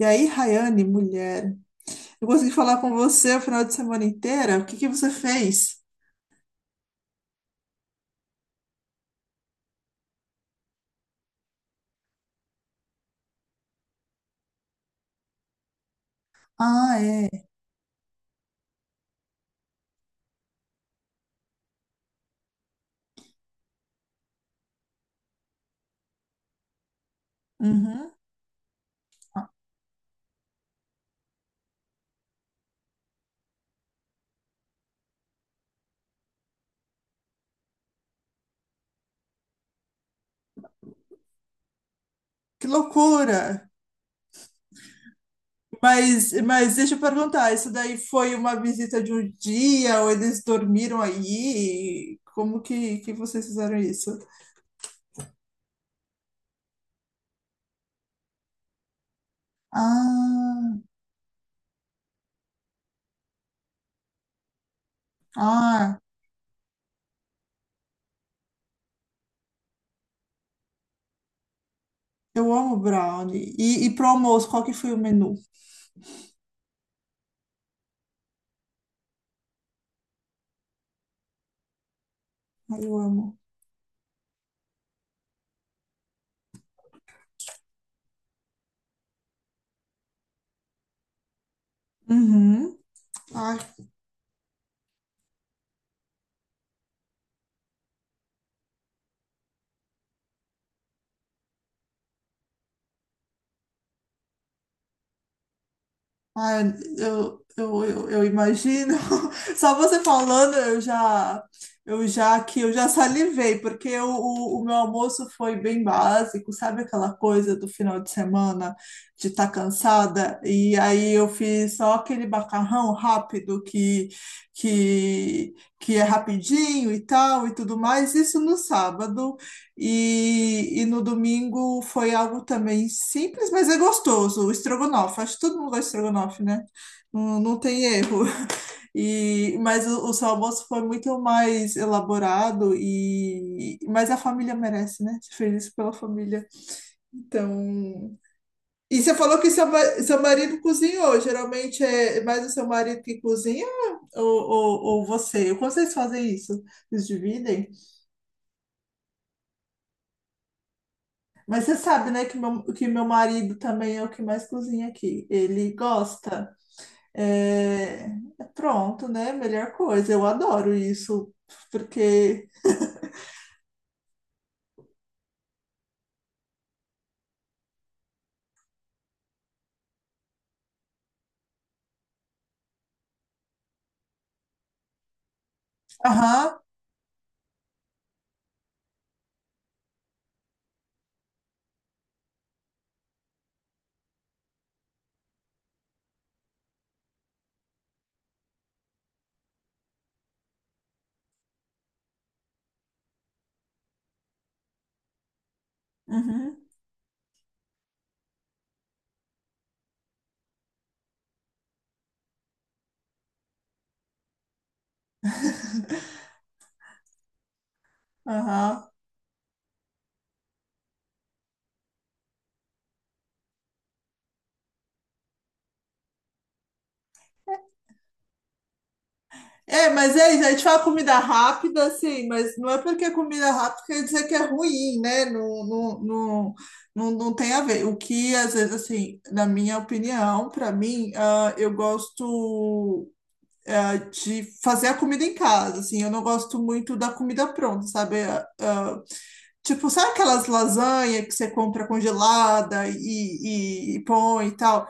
E aí, Rayane, mulher, eu consegui falar com você o final de semana inteira. O que que você fez? Ah, é. Uhum. Que loucura! Mas deixa eu perguntar, isso daí foi uma visita de um dia ou eles dormiram aí? Como que vocês fizeram isso? Ah, ah, eu amo brownie. E pro almoço, qual que foi o menu? Ah, eu amo. Uhum. Ai, eu imagino. Só você falando, eu já salivei, porque o meu almoço foi bem básico, sabe aquela coisa do final de semana de estar cansada? E aí eu fiz só aquele macarrão rápido que é rapidinho e tal e tudo mais, isso no sábado. E no domingo foi algo também simples, mas é gostoso, o estrogonofe. Acho que todo mundo gosta de estrogonofe, né? Não, não tem erro. E, mas o seu almoço foi muito mais elaborado e mas a família merece, né? Você fez isso pela família. Então, e você falou que seu marido cozinhou. Geralmente é mais o seu marido que cozinha ou você? Como vocês fazem isso? Vocês dividem? Mas você sabe, né, que meu marido também é o que mais cozinha aqui. Ele gosta. É, pronto, né? Melhor coisa. Eu adoro isso, porque. Aham, uhum, aham. É, mas é isso. A gente fala comida rápida, assim, mas não é porque é comida rápida quer dizer que é ruim, né? Não, não, não, não, não tem a ver. O que, às vezes, assim, na minha opinião, para mim, eu gosto, de fazer a comida em casa, assim, eu não gosto muito da comida pronta, sabe? Tipo, sabe aquelas lasanhas que você compra congelada e põe e tal?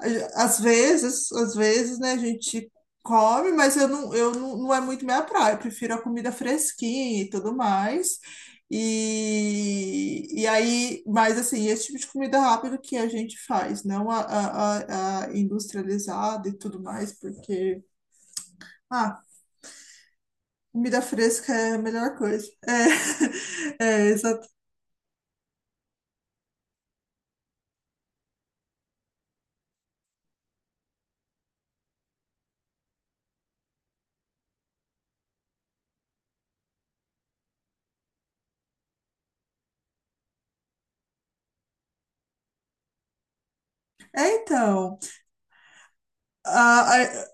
Ah, às vezes, né, a gente come, mas eu não, não é muito minha praia, eu prefiro a comida fresquinha e tudo mais. E aí, mas assim, esse tipo de comida rápida que a gente faz, não a industrializada e tudo mais, porque, ah, comida fresca é a melhor coisa. É, é, exato. É, então, a- a-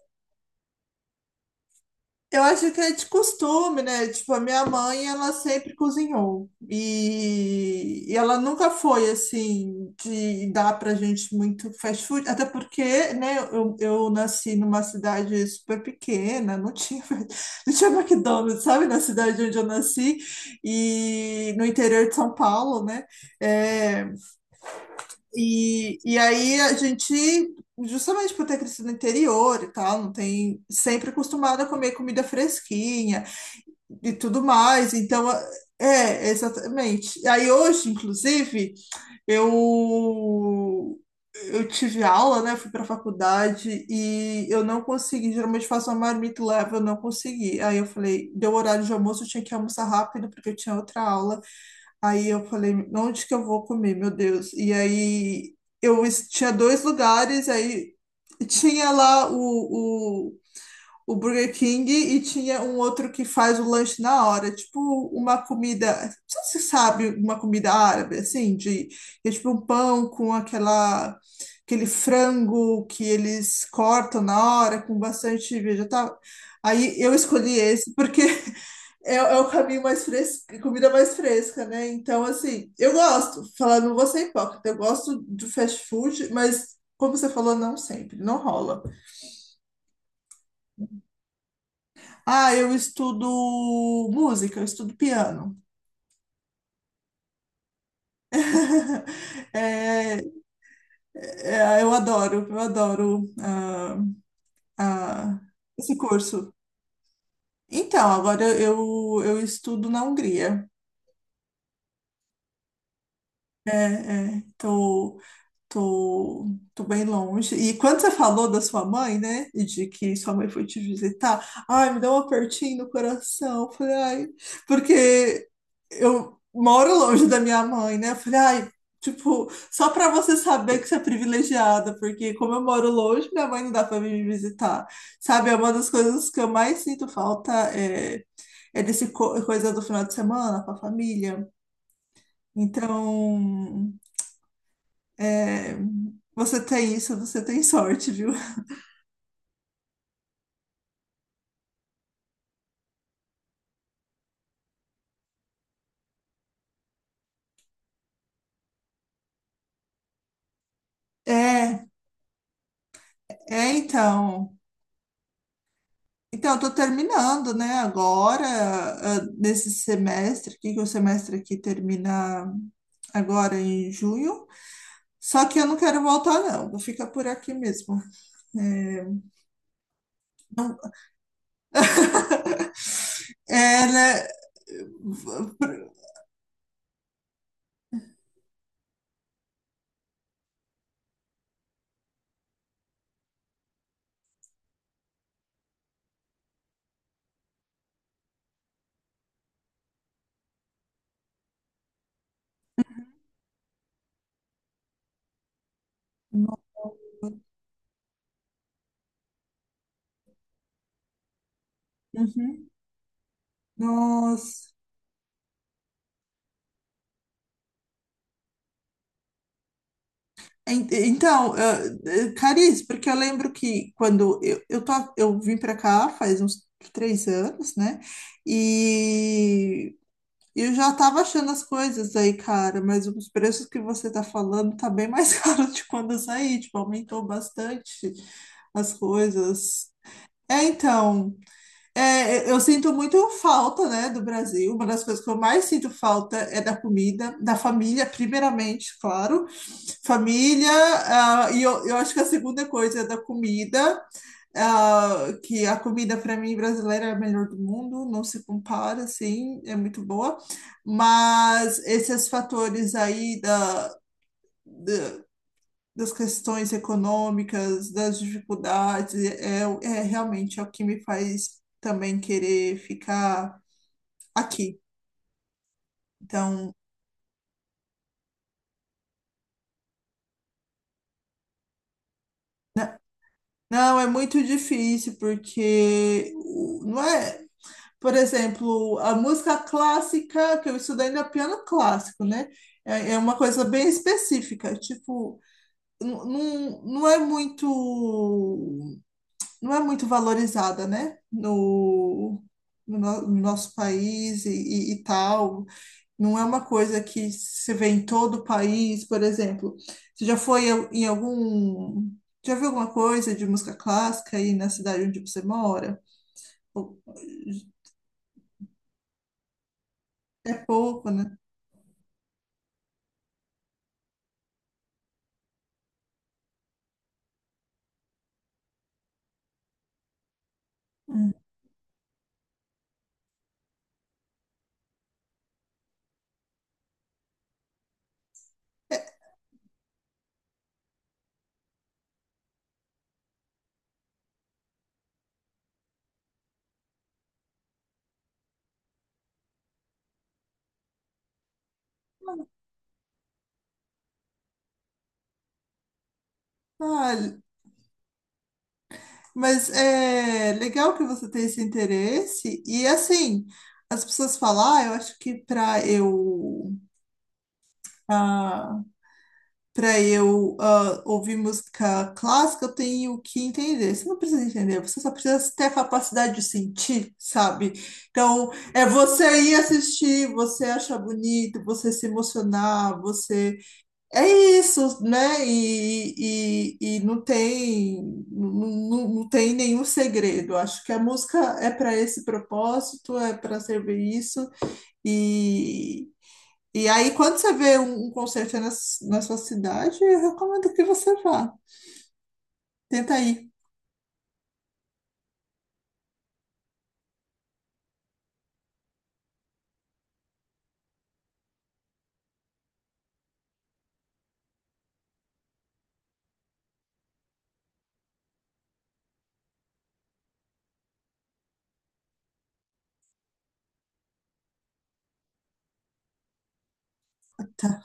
eu acho que é de costume, né? Tipo, a minha mãe, ela sempre cozinhou. E ela nunca foi, assim, de dar pra gente muito fast food. Até porque, né, eu nasci numa cidade super pequena, não tinha, não tinha McDonald's, sabe? Na cidade onde eu nasci. E no interior de São Paulo, né? É, E aí a gente, justamente por ter crescido no interior e tal, não tem sempre acostumado a comer comida fresquinha e tudo mais. Então, é, exatamente. Aí hoje, inclusive, eu eu tive aula, né? Fui para faculdade e eu não consegui. Geralmente faço uma marmita e levo, eu não consegui. Aí eu falei, deu horário de almoço, eu tinha que almoçar rápido porque eu tinha outra aula. Aí eu falei, onde que eu vou comer, meu Deus? E aí eu tinha dois lugares, aí tinha lá o, o Burger King e tinha um outro que faz o lanche na hora, tipo uma comida, não sei se você sabe, uma comida árabe, assim, de, é tipo um pão com aquela, aquele frango que eles cortam na hora, com bastante vegetal. Aí eu escolhi esse porque É o caminho mais fresco, comida mais fresca, né? Então, assim, eu gosto, falando, não vou ser hipócrita, eu gosto de fast food, mas, como você falou, não sempre, não rola. Ah, eu estudo música, eu estudo piano. É, é, eu adoro ah, esse curso. Então, agora eu estudo na Hungria. Estou Tô, tô bem longe. E quando você falou da sua mãe, né? E de que sua mãe foi te visitar, ai, me deu um apertinho no coração. Falei, ai, porque eu moro longe da minha mãe, né? Falei, ai, tipo, só pra você saber que você é privilegiada, porque como eu moro longe, minha mãe não dá pra vir me visitar. Sabe, é uma das coisas que eu mais sinto falta é coisa do final de semana com a família. Então. É, você tem isso, você tem sorte, viu? É, é, então. Então, eu tô terminando, né, agora, nesse semestre aqui, que o semestre aqui termina agora em junho. Só que eu não quero voltar, não. Vou ficar por aqui mesmo. É, não- Ela. Uhum. Nossa. Então, Cariz, porque eu lembro que quando eu vim para cá faz uns 3 anos, né? E eu já tava achando as coisas aí, cara, mas os preços que você tá falando tá bem mais caro de quando eu saí, tipo, aumentou bastante as coisas. É, então, eu sinto muito falta, né, do Brasil. Uma das coisas que eu mais sinto falta é da comida, da família, primeiramente, claro família, e eu acho que a segunda coisa é da comida, que a comida para mim brasileira é a melhor do mundo, não se compara, assim, é muito boa, mas esses fatores aí da, da- das questões econômicas, das dificuldades, é realmente é o que me faz também querer ficar aqui. Então, não, é muito difícil, porque não é. Por exemplo, a música clássica, que eu estudei ainda é piano clássico, né? É uma coisa bem específica, tipo, não, não não é muito, não é muito valorizada, né? No, no nosso país e, e tal. Não é uma coisa que se vê em todo o país, por exemplo. Você já foi em algum, já viu alguma coisa de música clássica aí na cidade onde você mora? Ou- É pouco, né? Ah, mas é legal que você tem esse interesse. E assim, as pessoas falam, ah, eu acho que ah, para eu ouvir música clássica, eu tenho que entender. Você não precisa entender, você só precisa ter a capacidade de sentir, sabe? Então, é você ir assistir, você achar bonito, você se emocionar, você É isso, né? E não tem, não, não não tem nenhum segredo. Acho que a música é para esse propósito, é para servir isso. E, e aí, quando você vê um concerto na sua cidade, eu recomendo que você vá. Tenta ir. Tá.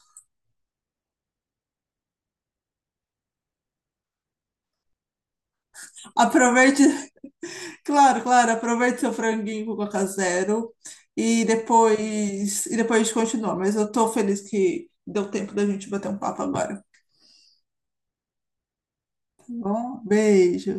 Aproveite, claro, claro, aproveite seu franguinho com Coca Zero e depois a gente continua. Mas eu tô feliz que deu tempo da gente bater um papo agora. Tá bom, beijo.